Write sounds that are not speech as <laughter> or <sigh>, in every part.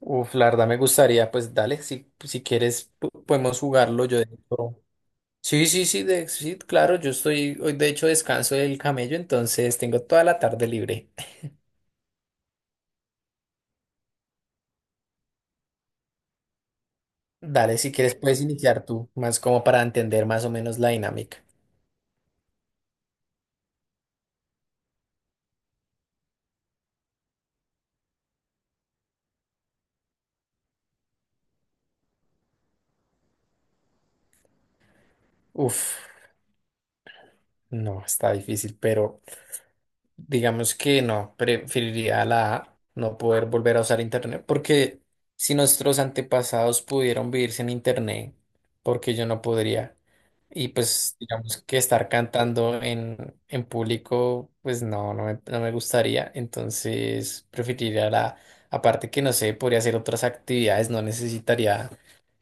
Uf, la verdad me gustaría, pues dale, si quieres podemos jugarlo. Yo de hecho- Sí, sí, sí, sí, claro, yo estoy, hoy de hecho descanso del camello, entonces tengo toda la tarde libre. Dale, si quieres puedes iniciar tú, más como para entender más o menos la dinámica. Uf, no, está difícil, pero digamos que no, preferiría la A, no poder volver a usar Internet, porque si nuestros antepasados pudieron vivir sin Internet, ¿porque yo no podría? Y pues digamos que estar cantando en público, pues no, no me gustaría, entonces preferiría la. Aparte que no sé, podría hacer otras actividades, no necesitaría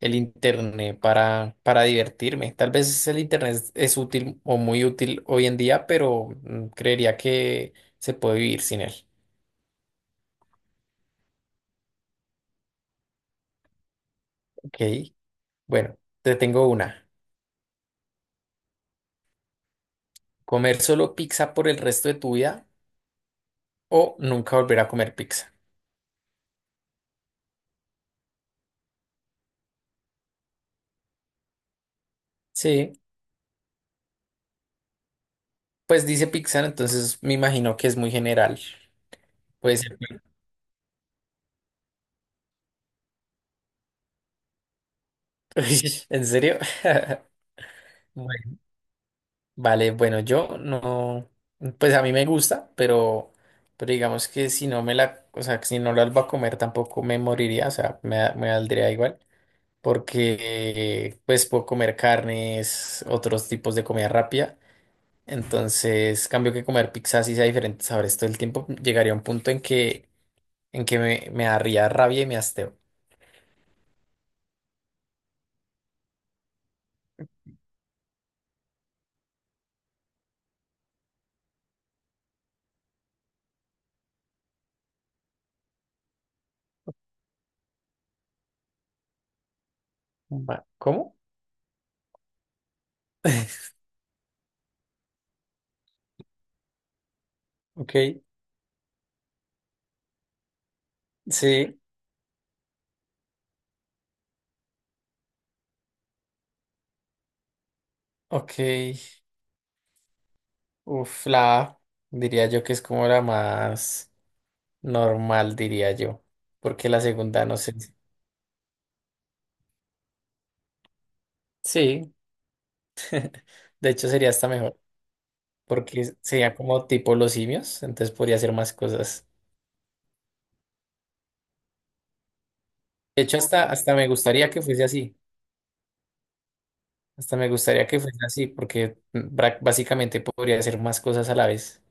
el internet para divertirme. Tal vez el internet es útil o muy útil hoy en día, pero creería que se puede vivir sin él. Ok, bueno, te tengo una. ¿Comer solo pizza por el resto de tu vida o nunca volver a comer pizza? Sí, pues dice pizza, entonces me imagino que es muy general. Puede ser. <laughs> ¿En serio? <laughs> Bueno. Vale, bueno, yo no, pues a mí me gusta, pero digamos que si no me la, o sea, que si no la albo a comer tampoco me moriría, o sea, me valdría igual, porque pues puedo comer carnes, otros tipos de comida rápida, entonces cambio que comer pizzas y sea diferentes sabores todo el tiempo, llegaría a un punto en que me daría rabia y me hasteo. ¿Cómo? <laughs> Ok, sí, ok, uf, la A, diría yo que es como la más normal, diría yo, porque la segunda no sé. Sí, de hecho sería hasta mejor, porque sería como tipo los simios, entonces podría hacer más cosas. De hecho, hasta me gustaría que fuese así, porque básicamente podría hacer más cosas a la vez.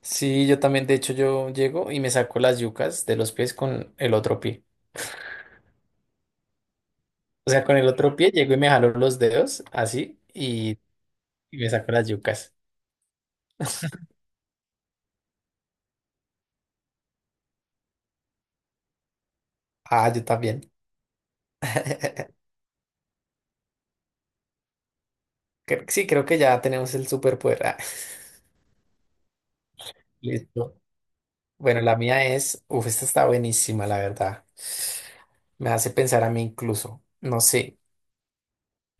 Sí, yo también, de hecho, yo llego y me saco las yucas de los pies con el otro pie. O sea, con el otro pie llego y me jalo los dedos así y me saco las yucas. Ah, yo también. <laughs> Sí, creo que ya tenemos el superpoder. <laughs> Listo. Bueno, la mía es, uf, esta está buenísima, la verdad. Me hace pensar a mí incluso. No sé,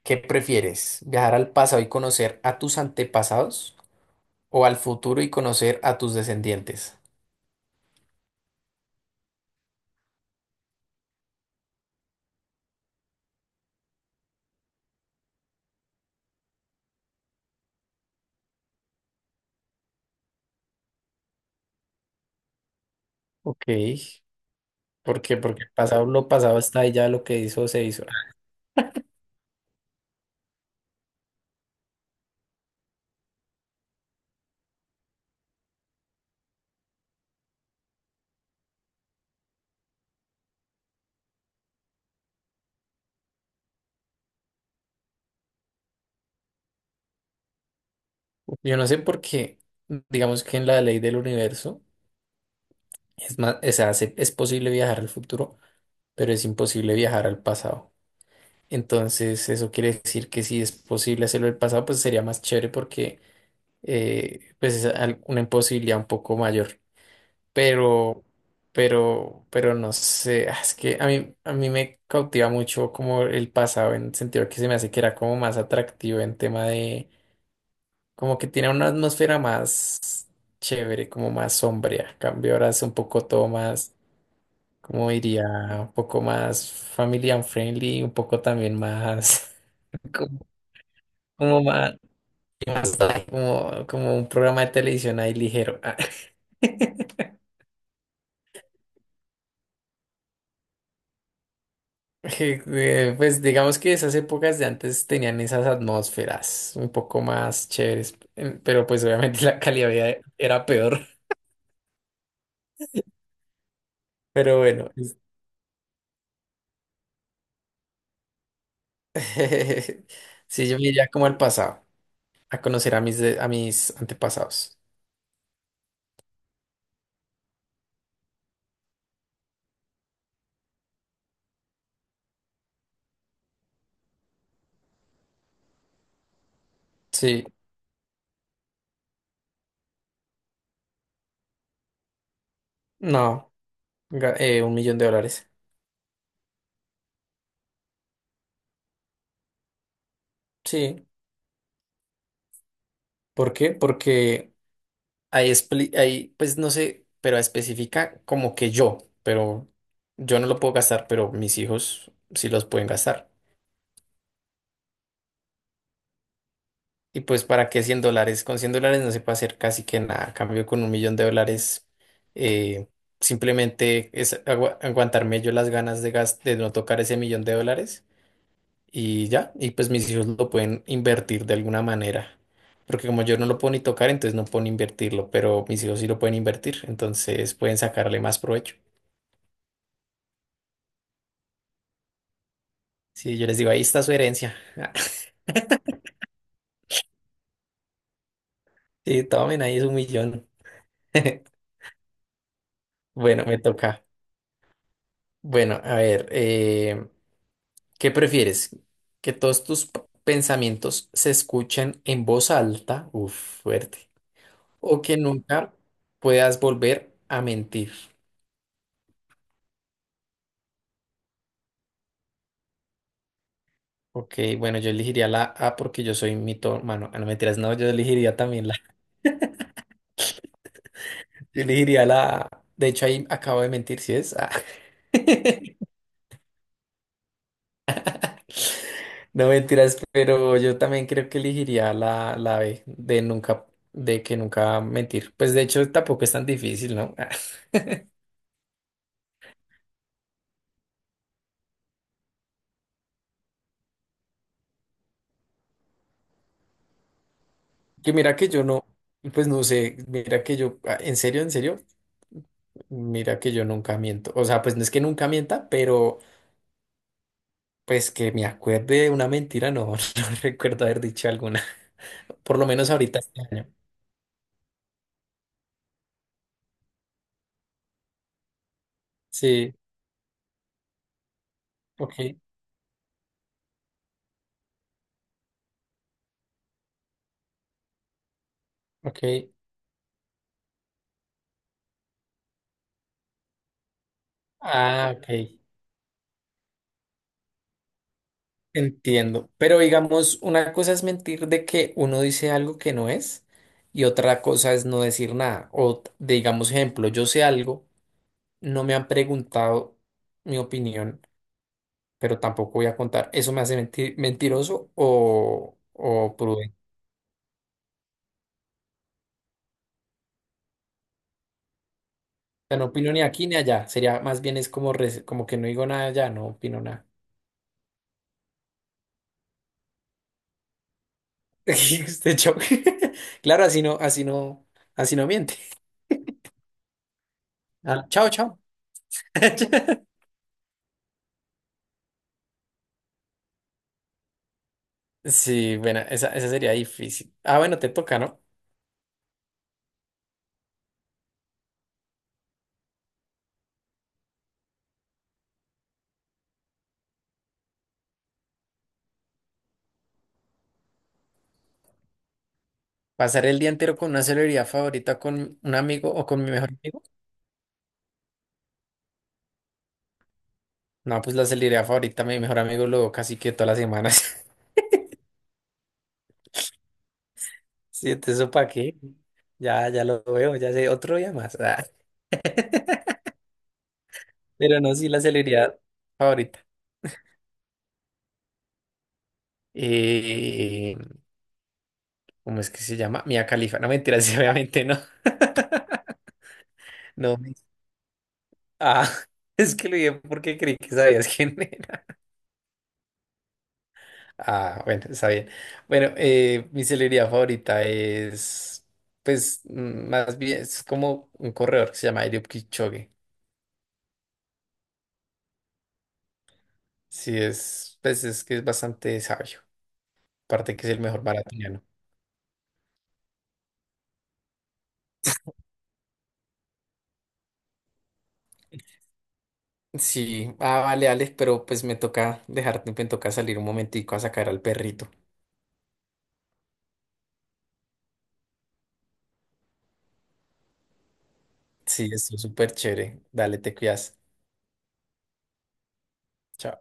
¿qué prefieres? ¿Viajar al pasado y conocer a tus antepasados o al futuro y conocer a tus descendientes? Ok, ¿por qué? Porque el pasado, lo pasado está ahí, ya lo que hizo se hizo. Yo no sé por qué, digamos que en la ley del universo es más, es posible viajar al futuro, pero es imposible viajar al pasado. Entonces, eso quiere decir que si es posible hacerlo el pasado, pues sería más chévere porque pues es una imposibilidad un poco mayor. Pero, pero no sé, es que a mí me cautiva mucho como el pasado en el sentido que se me hace que era como más atractivo en tema de, como que tiene una atmósfera más chévere, como más sombría. En cambio ahora es un poco todo más, como diría, un poco más family and friendly, un poco también más. <laughs> Como más, ¿qué más da? Como un programa de televisión ahí ligero. Ah. <laughs> Pues digamos que esas épocas de antes tenían esas atmósferas un poco más chéveres, pero pues obviamente <laughs> la calidad de vida era peor. Pero bueno, <laughs> sí, yo me iría como al pasado, a conocer a mis antepasados. Sí, no, $1 millón. Sí, ¿por qué? Porque ahí, pues no sé, pero especifica como que yo, pero yo no lo puedo gastar, pero mis hijos sí los pueden gastar. Y pues para qué $100, con $100 no se puede hacer casi que nada. A cambio con $1 millón, eh, simplemente es aguantarme yo las ganas de no tocar ese millón de dólares y ya, y pues mis hijos lo pueden invertir de alguna manera. Porque como yo no lo puedo ni tocar, entonces no puedo ni invertirlo, pero mis hijos sí lo pueden invertir, entonces pueden sacarle más provecho. Sí, yo les digo, ahí está su herencia. <laughs> Sí, tomen, ahí es 1 millón. <laughs> Bueno, me toca. Bueno, a ver, ¿qué prefieres? ¿Que todos tus pensamientos se escuchen en voz alta? Uf, fuerte. ¿O que nunca puedas volver a mentir? Ok, bueno, yo elegiría la A porque yo soy mitómano. Ah, no, mentiras, no, yo elegiría también la. <laughs> Yo elegiría la A. De hecho, ahí acabo de mentir, ¿sí es? Ah. <laughs> No mentiras, pero yo también creo que elegiría la B de nunca, de que nunca mentir. Pues de hecho tampoco es tan difícil, ¿no? <laughs> Que mira que yo no, pues no sé, mira que yo, en serio, mira que yo nunca miento. O sea, pues no es que nunca mienta, pero pues que me acuerde de una mentira, no, <laughs> no recuerdo haber dicho alguna. Por lo menos ahorita este año. Sí, ok, ok. Ah, ok. Entiendo, pero digamos, una cosa es mentir de que uno dice algo que no es y otra cosa es no decir nada. O digamos, ejemplo, yo sé algo, no me han preguntado mi opinión, pero tampoco voy a contar. ¿Eso me hace mentir, mentiroso o prudente? O sea, no opino ni aquí ni allá. Sería más bien es como, como que no digo nada allá, no opino nada. <laughs> Este show. <laughs> Claro, así no, así no, así no miente. Ah, chao, chao. <laughs> Sí, bueno, esa sería difícil. Ah, bueno, te toca, ¿no? Pasar el día entero con una celebridad favorita, con un amigo o con mi mejor amigo. No, pues la celebridad favorita, mi mejor amigo, lo casi que todas las semanas. <laughs> Sí, entonces, ¿eso para qué? Ya, ya lo veo, ya sé, otro día más. Ah. <laughs> Pero no, sí, la celebridad favorita. Eh, ¿cómo es que se llama? Mia Khalifa. No, mentiras, <laughs> obviamente no. No, ah, <laughs> es que lo dije porque creí que sabías quién. Ah, bueno, está bien. Bueno, mi celebridad favorita es, pues, más bien, es como un corredor que se llama Eliud Kipchoge. Sí, es, pues, es que es bastante sabio. Aparte que es el mejor maratoniano. Sí, vale, Alex, pero pues me toca dejarte, me toca salir un momentico a sacar al perrito. Sí, es súper chévere. Dale, te cuidas. Chao.